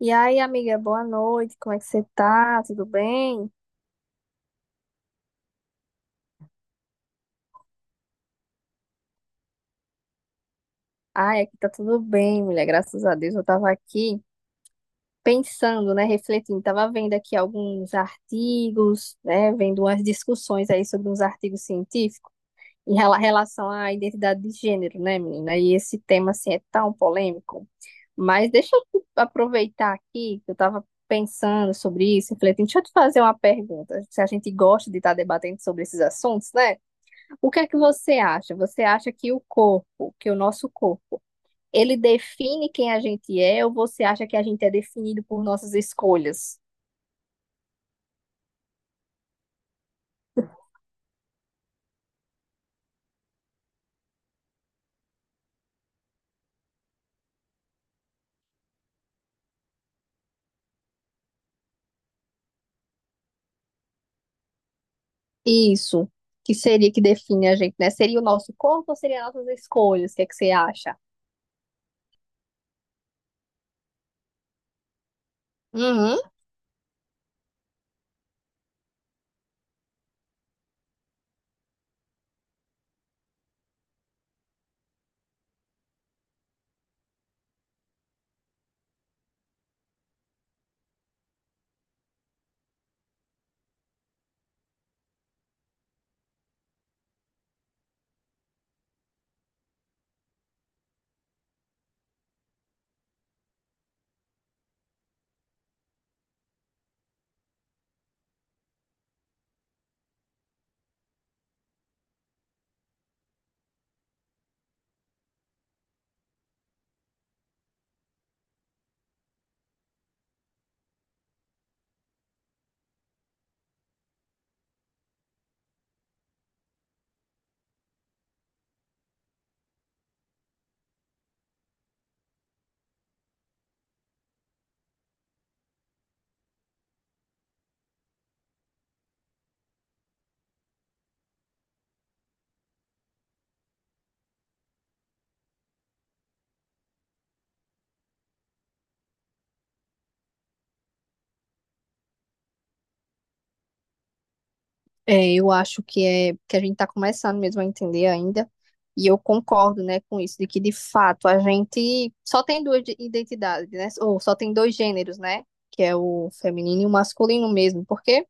E aí, amiga, boa noite. Como é que você tá? Tudo bem? Ai, aqui tá tudo bem, mulher. Graças a Deus. Eu tava aqui pensando, né, refletindo. Tava vendo aqui alguns artigos, né, vendo umas discussões aí sobre uns artigos científicos em relação à identidade de gênero, né, menina? E esse tema, assim, é tão polêmico. Mas deixa eu aproveitar aqui que eu tava pensando sobre isso, refletindo. Deixa eu te fazer uma pergunta. Se a gente gosta de estar debatendo sobre esses assuntos, né? O que é que você acha? Você acha que o corpo, que o nosso corpo, ele define quem a gente é ou você acha que a gente é definido por nossas escolhas? Isso, que seria que define a gente, né? Seria o nosso corpo ou seria nossas escolhas? O que é que você acha? Uhum. É, eu acho que é que a gente está começando mesmo a entender ainda, e eu concordo, né, com isso, de que de fato a gente só tem duas identidades, né? Ou só tem dois gêneros, né? Que é o feminino e o masculino mesmo, porque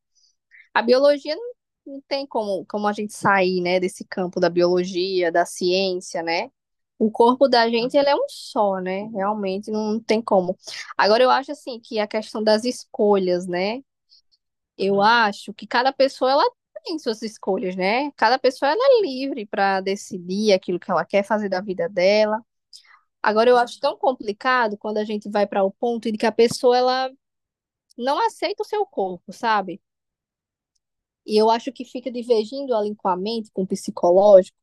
a biologia não, não tem como, como a gente sair, né, desse campo da biologia, da ciência, né? O corpo da gente, ele é um só, né? Realmente não tem como. Agora, eu acho, assim, que a questão das escolhas, né? Eu acho que cada pessoa, ela tem suas escolhas, né? Cada pessoa, ela é livre para decidir aquilo que ela quer fazer da vida dela. Agora, eu acho tão complicado quando a gente vai para o ponto de que a pessoa, ela não aceita o seu corpo, sabe? E eu acho que fica divergindo ela com a mente, com o psicológico.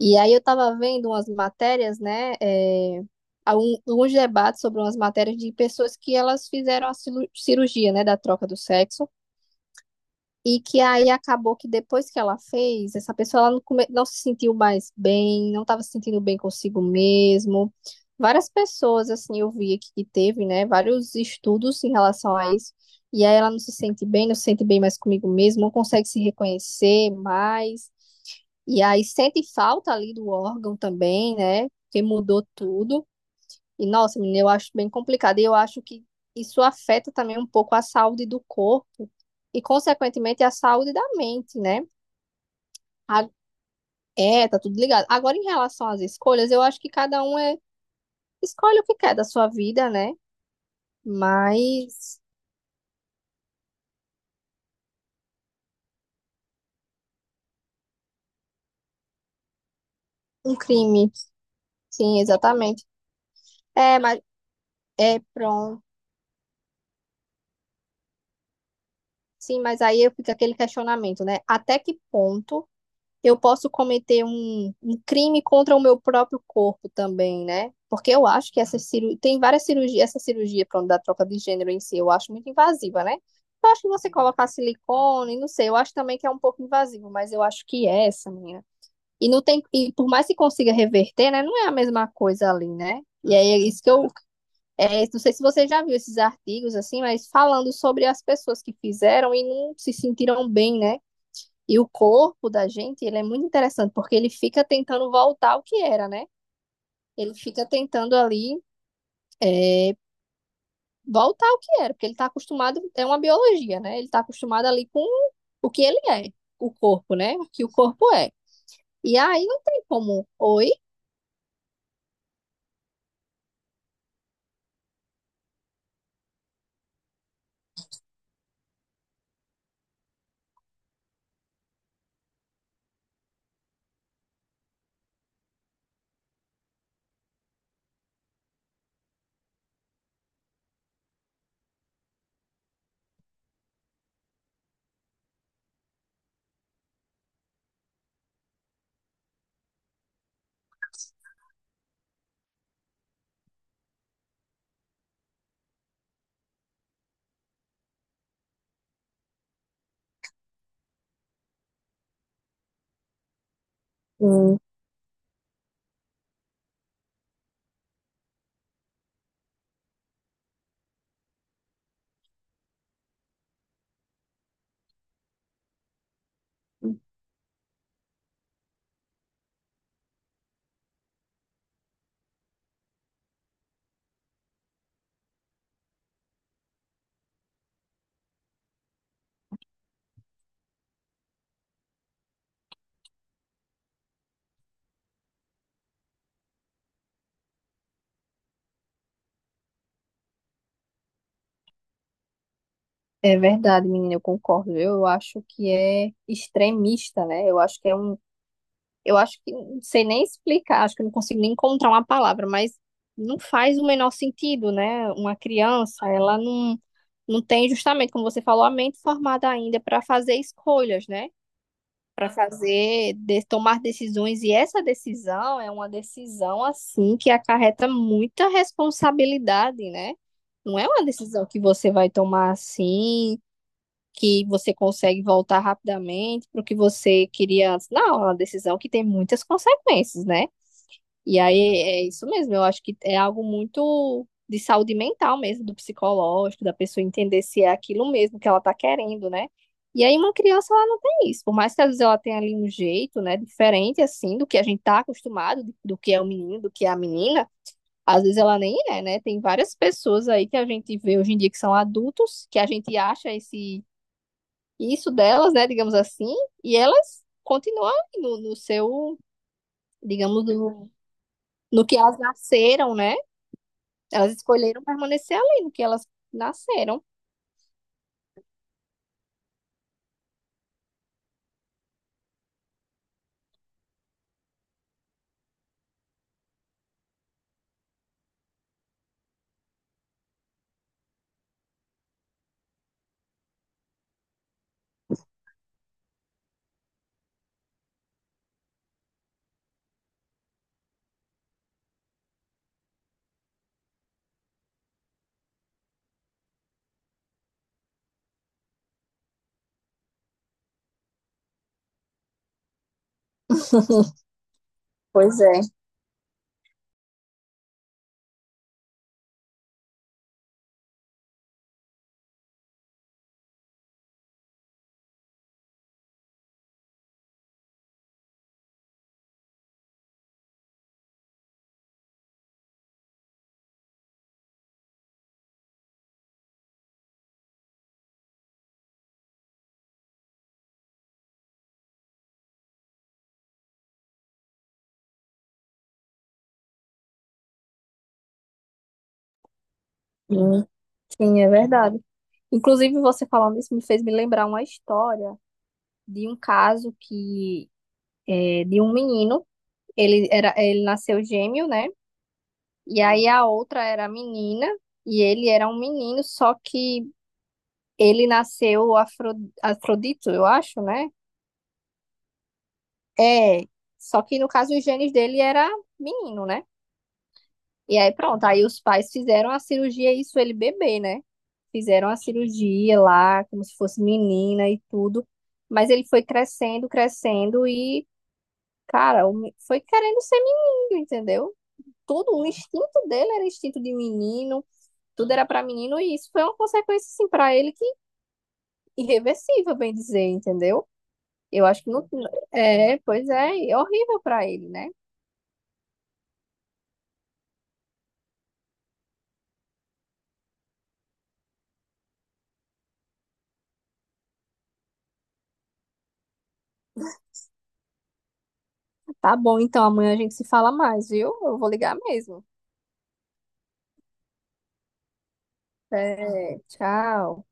E aí eu estava vendo umas matérias, né? É, há alguns debates sobre umas matérias de pessoas que elas fizeram a cirurgia, né, da troca do sexo. E que aí acabou que depois que ela fez, essa pessoa ela não se sentiu mais bem, não estava se sentindo bem consigo mesmo. Várias pessoas, assim, eu vi aqui que teve, né, vários estudos em relação a isso. E aí ela não se sente bem, não se sente bem mais comigo mesmo, não consegue se reconhecer mais. E aí sente falta ali do órgão também, né, porque mudou tudo. E, nossa, menina, eu acho bem complicado. E eu acho que isso afeta também um pouco a saúde do corpo e, consequentemente, a saúde da mente, né? A- É, tá tudo ligado. Agora, em relação às escolhas, eu acho que cada um escolhe o que quer da sua vida, né? Mas um crime, sim, exatamente. É, mas é pronto. Sim, mas aí fica aquele questionamento, né? Até que ponto eu posso cometer um crime contra o meu próprio corpo também, né? Porque eu acho que essa cirurgia, tem várias cirurgias, essa cirurgia pronto, da troca de gênero em si, eu acho muito invasiva, né? Eu acho que você colocar silicone, não sei, eu acho também que é um pouco invasivo, mas eu acho que é essa, menina. E não tem, e por mais que consiga reverter, né, não é a mesma coisa ali, né? E aí é isso que eu, não sei se você já viu esses artigos assim, mas falando sobre as pessoas que fizeram e não se sentiram bem, né? E o corpo da gente, ele é muito interessante, porque ele fica tentando voltar ao que era, né? Ele fica tentando ali é, voltar ao que era, porque ele está acostumado, é uma biologia, né? Ele está acostumado ali com o que ele é, o corpo, né? O que o corpo é. E aí não tem como, oi? Hum. É verdade, menina, eu concordo. Eu acho que é extremista, né? Eu acho que não sei nem explicar, acho que eu não consigo nem encontrar uma palavra, mas não faz o menor sentido, né? Uma criança, ela não, não tem justamente, como você falou, a mente formada ainda para fazer escolhas, né? Para fazer, tomar decisões. E essa decisão é uma decisão, assim, que acarreta muita responsabilidade, né? Não é uma decisão que você vai tomar assim que você consegue voltar rapidamente para o que você queria antes. Não, é uma decisão que tem muitas consequências, né? E aí é isso mesmo, eu acho que é algo muito de saúde mental mesmo, do psicológico, da pessoa entender se é aquilo mesmo que ela está querendo, né? E aí uma criança ela não tem isso, por mais que às vezes ela tenha ali um jeito, né, diferente assim do que a gente tá acostumado, do que é o menino, do que é a menina, às vezes ela nem é, né? Tem várias pessoas aí que a gente vê hoje em dia que são adultos, que a gente acha esse isso delas, né, digamos assim, e elas continuam no seu, digamos, no que elas nasceram, né? Elas escolheram permanecer ali no que elas nasceram. Pois é. Hum, Sim, é verdade. Inclusive, você falando isso me fez me lembrar uma história de um caso que é, de um menino, ele nasceu gêmeo, né? E aí a outra era menina e ele era um menino, só que ele nasceu Afrodito, eu acho, né? É, só que no caso os genes dele era menino, né? E aí pronto, aí os pais fizeram a cirurgia, isso ele bebê, né? Fizeram a cirurgia lá, como se fosse menina e tudo. Mas ele foi crescendo, crescendo e, cara, foi querendo ser menino, entendeu? Tudo, o instinto dele era instinto de menino, tudo era pra menino e isso foi uma consequência, assim, pra ele que irreversível, bem dizer, entendeu? Eu acho que não. É, pois é, é horrível pra ele, né? Tá bom, então amanhã a gente se fala mais, viu? Eu vou ligar mesmo. É, tchau.